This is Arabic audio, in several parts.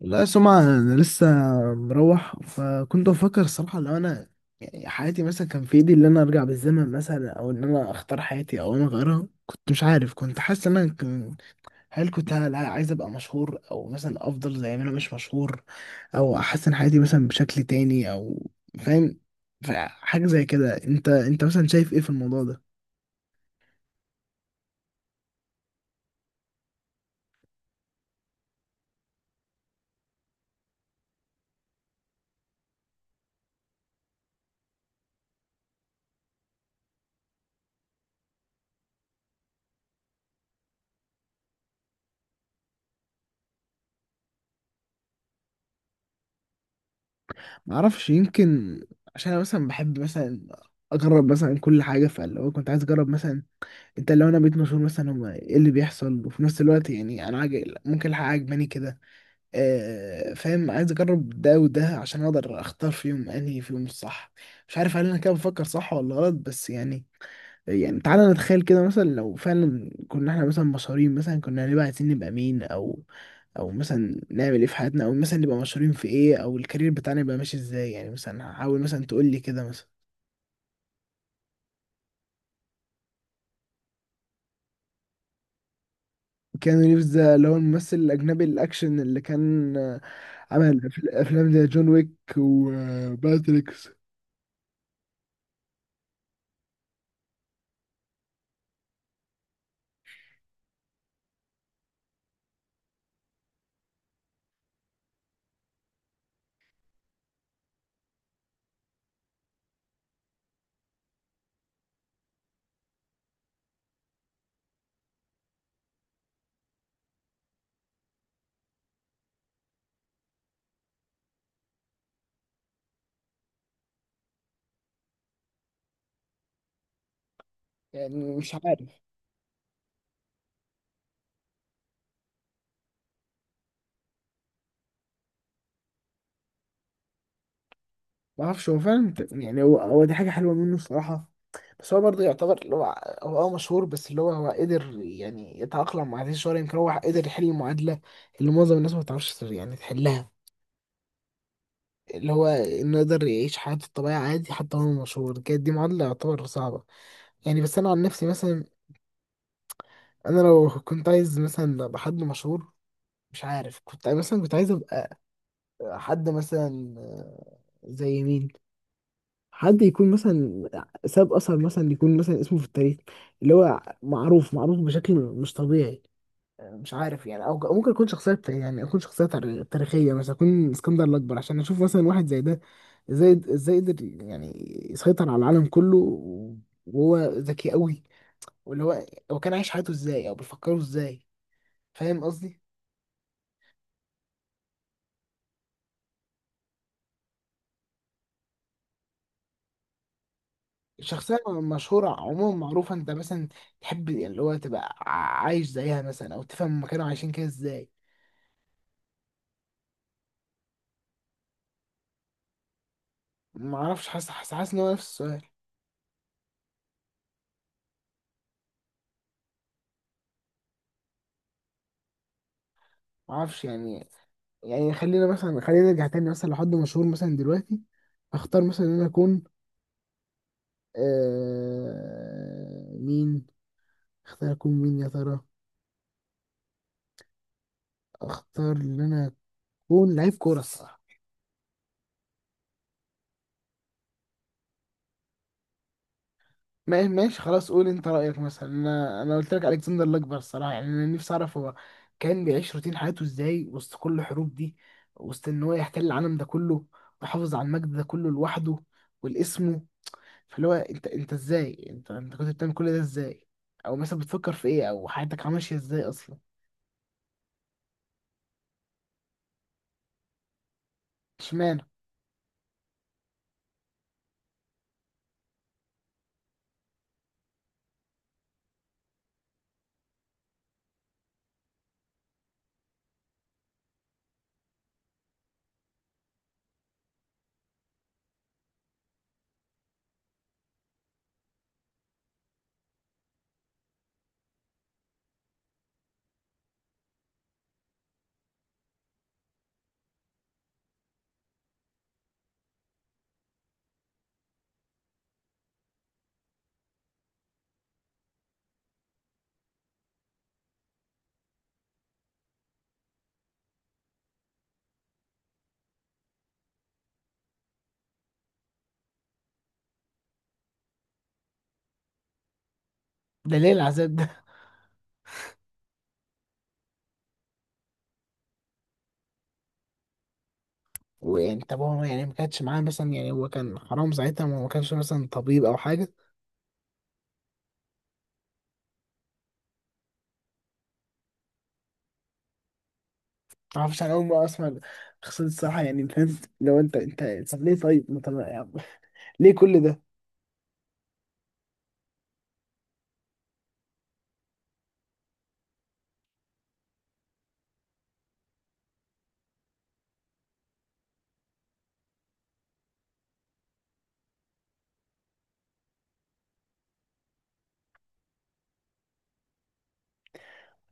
لا سمعة، أنا لسه مروح. فكنت بفكر الصراحة لو أنا يعني حياتي مثلا كان في إيدي إن أنا أرجع بالزمن مثلا، أو إن أنا أختار حياتي أو أنا أغيرها. كنت مش عارف، كنت حاسس إن أنا عايز أبقى مشهور، أو مثلا أفضل زي ما أنا مش مشهور، أو أحسن حياتي مثلا بشكل تاني، أو فاهم؟ فحاجة زي كده، أنت مثلا شايف إيه في الموضوع ده؟ معرفش، يمكن عشان أنا مثلا بحب مثلا أجرب مثلا كل حاجة. فاللي هو كنت عايز أجرب مثلا انت، لو انا بقيت مسؤول مثلا، هم ايه اللي بيحصل؟ وفي نفس الوقت يعني انا عاجل ممكن الحق عجباني كده. آه فاهم، عايز اجرب ده وده عشان اقدر اختار فيهم انهي فيهم الصح. مش عارف هل انا كده بفكر صح ولا غلط، بس يعني يعني تعالى نتخيل كده مثلا، لو فعلا كنا احنا مثلا مشهورين، مثلا كنا هنبقى عايزين نبقى مين، او او مثلا نعمل ايه في حياتنا، او مثلا نبقى مشهورين في ايه، او الكارير بتاعنا يبقى ماشي ازاي؟ يعني مثلا حاول مثلا تقول لي كده مثلا. كيانو ريفز ده اللي هو الممثل الأجنبي الأكشن اللي كان عمل افلام زي جون ويك وماتريكس. يعني مش عارف. ما اعرفش، هو فعلا يعني هو دي حاجه حلوه منه الصراحه. بس هو برضه يعتبر اللي هو هو اه مشهور، بس اللي هو هو قدر يعني يتأقلم مع هذه الشهرة. يمكن هو قدر يحل المعادلة اللي معظم الناس ما بتعرفش يعني تحلها، اللي هو انه يقدر يعيش حياته الطبيعية عادي حتى وهو مشهور. كانت دي معادلة يعتبر صعبة. يعني بس انا عن نفسي مثلا، انا لو كنت عايز مثلا ابقى حد مشهور، مش عارف، كنت مثلا كنت عايز حد مثلا آه، زي مين. حد يكون مثلا ساب اثر، مثلا يكون مثلا اسمه في التاريخ، اللي هو معروف بشكل مش طبيعي. مش عارف يعني، او أو ممكن يكون يعني اكون تاريخيه، مثلا اكون اسكندر الاكبر عشان اشوف مثلا واحد زي ده ازاي، قدر يعني يسيطر على العالم كله وهو ذكي قوي. واللي هو هو كان عايش حياته ازاي، او بيفكروا ازاي؟ فاهم قصدي؟ شخصية مشهورة عموما معروفة. انت مثلا تحب اللي هو تبقى عايش زيها مثلا، او تفهم هما كانوا عايشين كده ازاي؟ معرفش، حاسس ان هو نفس السؤال. معرفش يعني. يعني خلينا مثلا، خلينا نرجع تاني مثلا لحد مشهور مثلا دلوقتي. اختار مثلا ان انا اكون آه مين؟ اختار اكون مين يا ترى؟ اختار ان انا اكون لعيب كورة الصراحة. ماشي، خلاص، قول انت رأيك مثلا. انا قلت لك الكسندر الاكبر الصراحة. يعني انا نفسي اعرف هو كان بيعيش روتين حياته ازاي وسط كل الحروب دي، وسط ان هو يحتل العالم ده كله، ويحافظ على المجد ده كله لوحده والاسمه. فاللي هو انت، انت ازاي انت انت كنت بتعمل كل ده ازاي؟ او مثلا بتفكر في ايه، او حياتك ماشية ازاي اصلا؟ اشمعنى ده؟ ليه العذاب ده؟ ويعني طب هو يعني ما كانش معاه مثلا؟ يعني هو كان حرام ساعتها؟ ما هو ما كانش مثلا طبيب او حاجة. معرفش، انا اول مره اسمع قصة الصراحه. يعني فاهم، لو انت طب ليه؟ طيب ما طب يعني ليه كل ده؟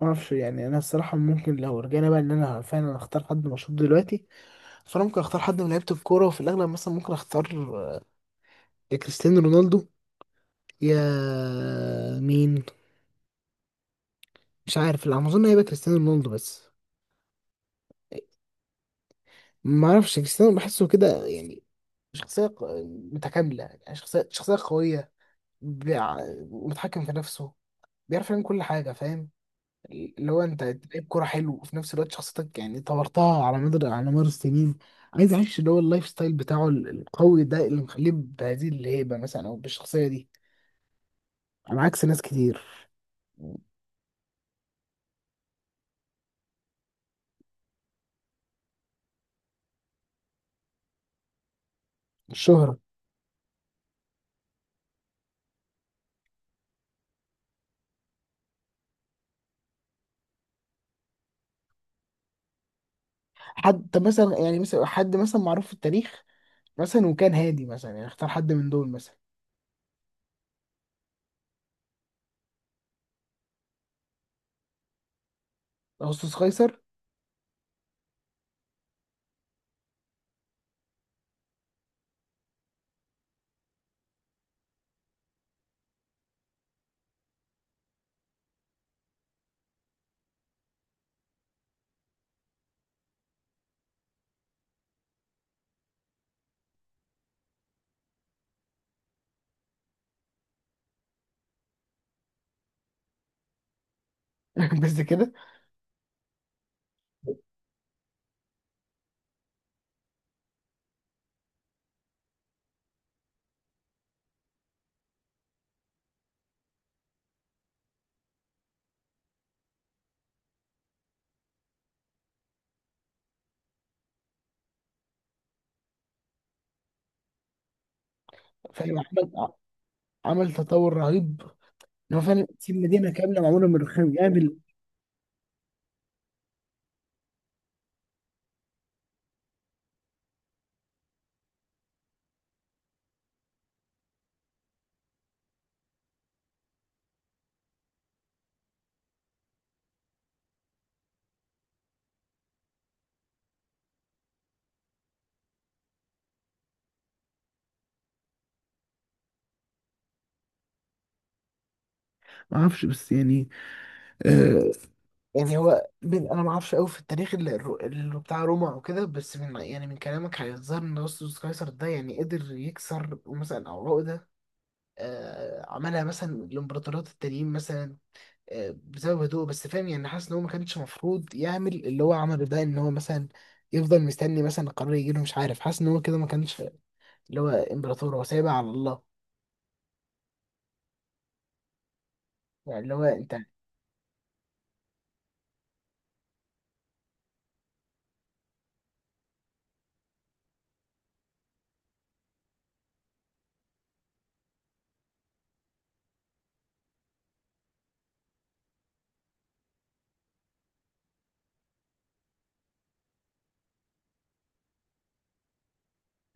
معرفش يعني، انا الصراحه ممكن لو رجعنا بقى ان انا فعلا اختار حد مشهور دلوقتي، فانا ممكن اختار حد من لعيبه الكوره، وفي الاغلب مثلا ممكن اختار يا كريستيانو رونالدو، يا مين، مش عارف. لا اظن هيبقى كريستيانو رونالدو بس. ما اعرفش، كريستيانو بحسه كده يعني شخصية متكاملة، يعني شخصية شخصية قوية، بيع- متحكم في نفسه، بيعرف يعمل كل حاجة. فاهم؟ اللي هو انت لعيب كوره حلو، وفي نفس الوقت شخصيتك يعني طورتها على مدار السنين. عايز اعيش اللي هو اللايف ستايل بتاعه القوي ده، اللي مخليه بهذه الهيبه مثلا، او بالشخصيه دي على عكس ناس كتير. الشهره حد، طب مثلا يعني مثلا حد مثلا معروف في التاريخ مثلا وكان هادي مثلا، يعني اختار حد من دول مثلا. اغسطس قيصر. بس كده؟ فاهم، عمل تطور رهيب، ان هو فعلا تسيب مدينه كامله معموله من الرخام يعني. ما اعرفش، بس يعني آه، يعني هو من انا ما اعرفش قوي في التاريخ اللي، اللي بتاع روما او كده. بس من يعني من كلامك هيظهر ان اغسطس قيصر ده يعني قدر يكسر مثلا او عقده، آه، عملها مثلا الامبراطوريات التانيين مثلا. آه، بسبب هدوء بس. فاهم يعني، حاسس ان هو ما كانش المفروض يعمل اللي هو عمله ده. ان هو مثلا يفضل مستني مثلا قرار يجي له، مش عارف. حاسس ان هو كده ما كانش اللي هو امبراطور، هو سايبها على الله. يعني اللي هو انت،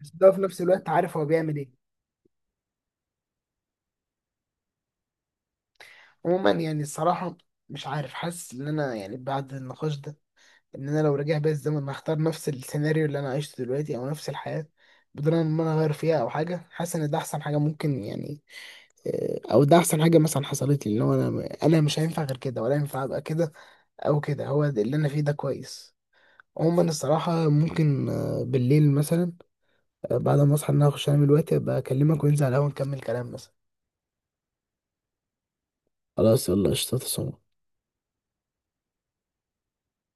بس ده في نفس الوقت عارف هو بيعمل ايه. عموما يعني الصراحة مش عارف، حاسس ان انا يعني بعد النقاش ده، ان انا لو رجع بيا الزمن هختار نفس السيناريو اللي انا عشته دلوقتي، او نفس الحياه بدون ان انا اغير فيها او حاجه. حاسس ان ده احسن حاجه ممكن يعني آه، او ده احسن حاجه مثلا حصلت لي. اللي هو انا مش هينفع غير كده، ولا ينفع ابقى كده او كده. هو ده اللي انا فيه ده كويس. عموما الصراحه ممكن آه، بالليل مثلا، آه، بعد ما اصحى ان انا اخش انام دلوقتي، ابقى اكلمك وننزل على القهوه نكمل كلام مثلا. خلاص يلا، قشطة، تصور.